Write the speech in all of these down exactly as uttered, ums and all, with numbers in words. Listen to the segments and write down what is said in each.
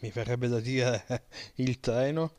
Mi verrebbe da dire il treno.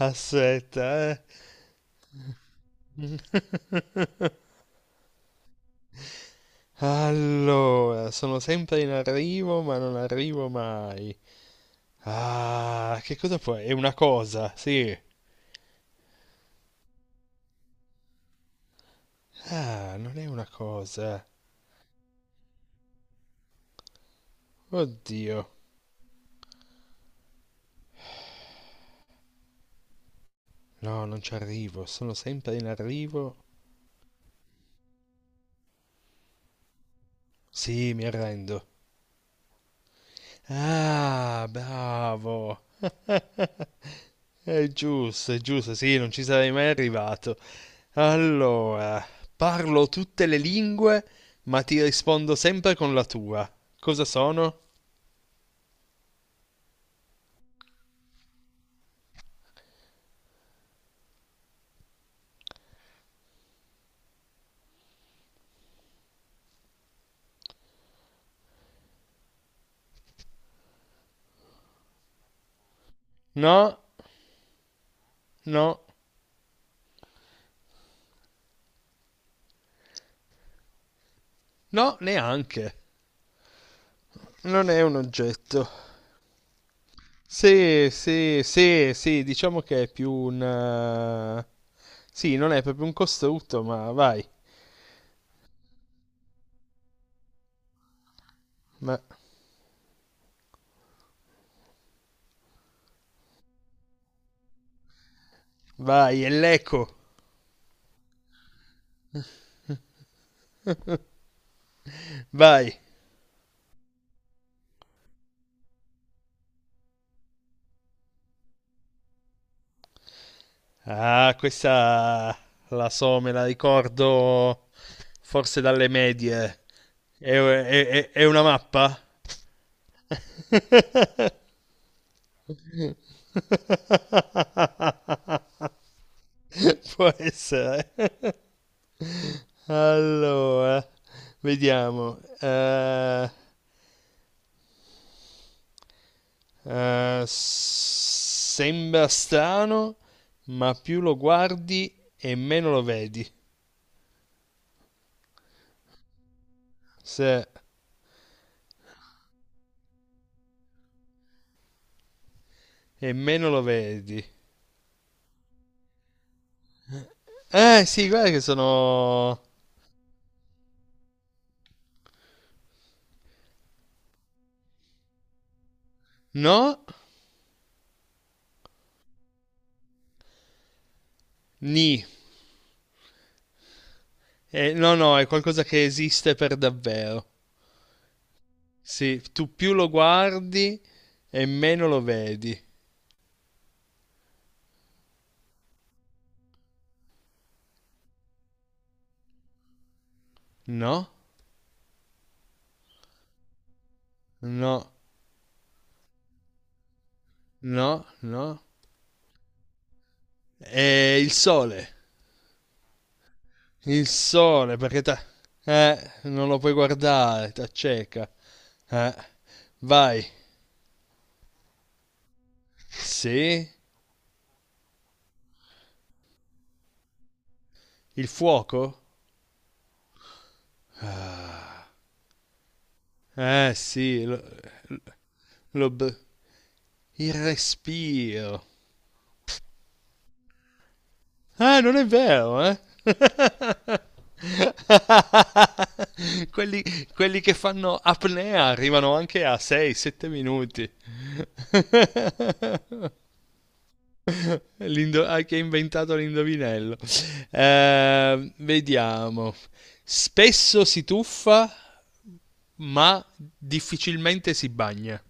Aspetta, eh. Allora, sono sempre in arrivo, ma non arrivo mai. Ah, che cosa può? È una cosa, sì. Ah, non è una cosa. Oddio. No, non ci arrivo, sono sempre in arrivo. Sì, mi arrendo. Ah, bravo. È giusto, è giusto, sì, non ci sarei mai arrivato. Allora, parlo tutte le lingue, ma ti rispondo sempre con la tua. Cosa sono? No, no, no, neanche. Non è un oggetto. Sì, sì, sì, sì, diciamo che è più un... eh, Sì, non è proprio un costrutto, ma vai. Ma vai, è l'eco. Vai. Ah, questa la so, me la ricordo forse dalle medie. È, è- è- è una mappa? Può essere. Allora, vediamo. Eh, eh, sembra strano, ma più lo guardi e meno lo vedi. Se, E meno lo vedi. Eh sì, guarda che sono... No, ni. Eh, no, no, è qualcosa che esiste per davvero. Sì, tu più lo guardi e meno lo vedi. No, no, no, no. È il sole. Il sole, perché ta... Eh, non lo puoi guardare, t'acceca. Eh, Vai. Sì? Il fuoco? Eh, sì, lo... lo br- il respiro. Ah, non è vero, eh? Quelli, quelli che fanno apnea arrivano anche a sei sette minuti. L'indo- ah, che ha inventato l'indovinello. Eh, vediamo. Spesso si tuffa, ma difficilmente si bagna.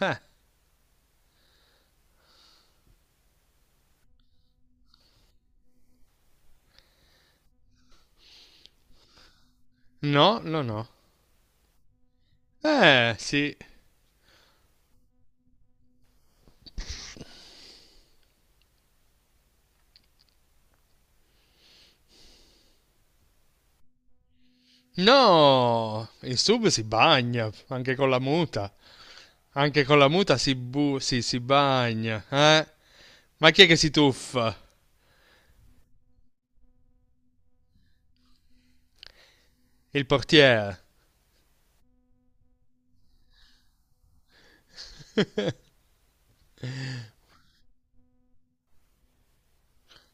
Eh, no, no, no. Eh, sì. No, in sub si bagna, anche con la muta. Anche con la muta si busi, si bagna, eh? Ma chi è che si tuffa? Il portiere.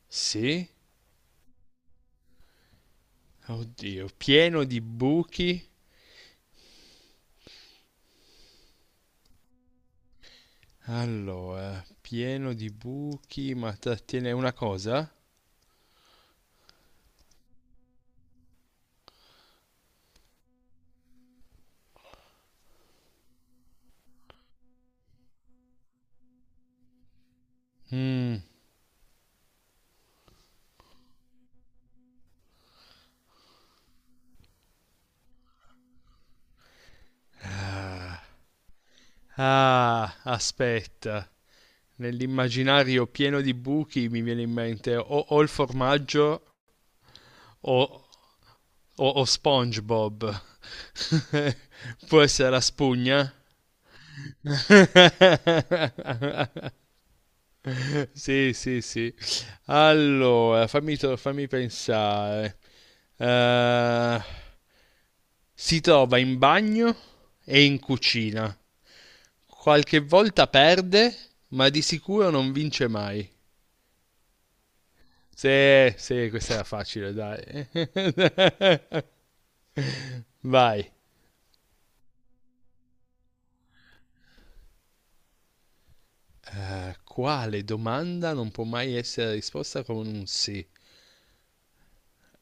Sì? Oddio, pieno di buchi. Allora, pieno di buchi, ma trattiene una cosa? Mm. Ah, aspetta. Nell'immaginario pieno di buchi mi viene in mente o, o il formaggio o, o, o SpongeBob. Può essere la spugna? Sì, sì, sì. Allora, fammi, to- fammi pensare. Eh, si trova in bagno e in cucina. Qualche volta perde, ma di sicuro non vince mai. Sì, sì, questa era facile, dai. Vai. Eh, quale domanda non può mai essere risposta con un sì?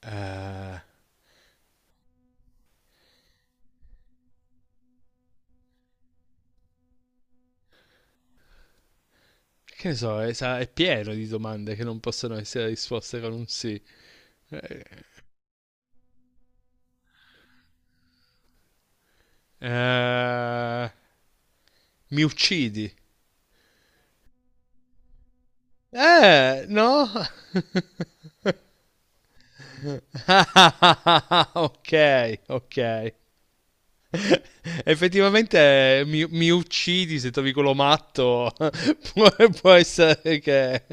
Eh, che ne so, è, sa- è pieno di domande che non possono essere risposte con un sì. Eh, Mi uccidi. Eh, no? Ok, ok. Effettivamente mi, mi uccidi se trovi quello matto. può, può essere che...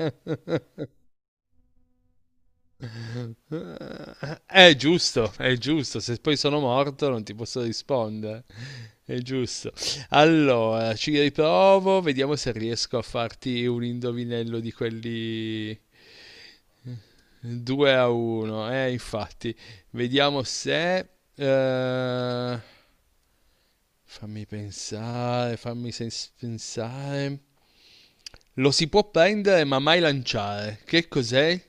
È giusto, è giusto. Se poi sono morto non ti posso rispondere. È giusto. Allora, ci riprovo. Vediamo se riesco a farti un indovinello di quelli due a uno, eh, infatti. Vediamo se... eh, fammi pensare, fammi sens- pensare. Lo si può prendere ma mai lanciare. Che cos'è?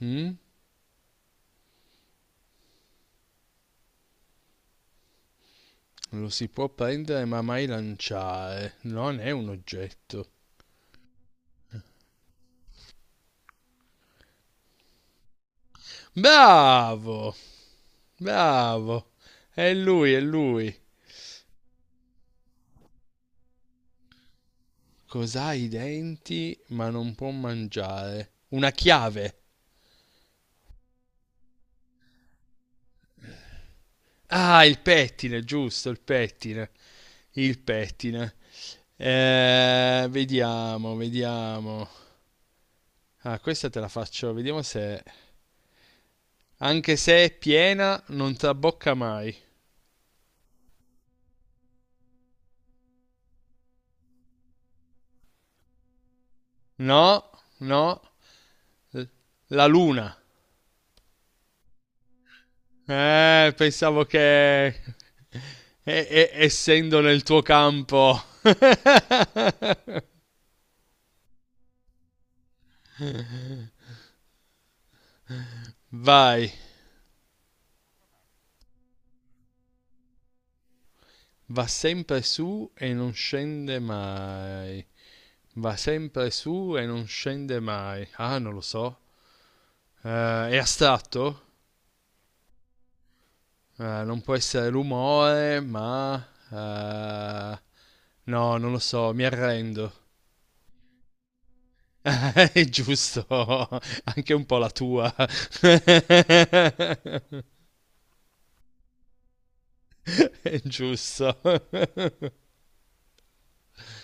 Mm? Lo si può prendere ma mai lanciare. Non è un oggetto. Bravo, bravo. È lui, è lui. Cos'ha i denti ma non può mangiare? Una chiave. Ah, il pettine, giusto, il pettine. Il pettine. Eh, vediamo, vediamo. Ah, questa te la faccio, vediamo se... Anche se è piena, non trabocca mai. No, no. L- La luna. Eh, pensavo che... e- e- essendo nel tuo campo... Vai. Va sempre su e non scende mai. Va sempre su e non scende mai. Ah, non lo so. Eh, è astratto? Eh, non può essere l'umore, ma... eh, no, non lo so, mi arrendo. È giusto, anche un po' la tua. È giusto.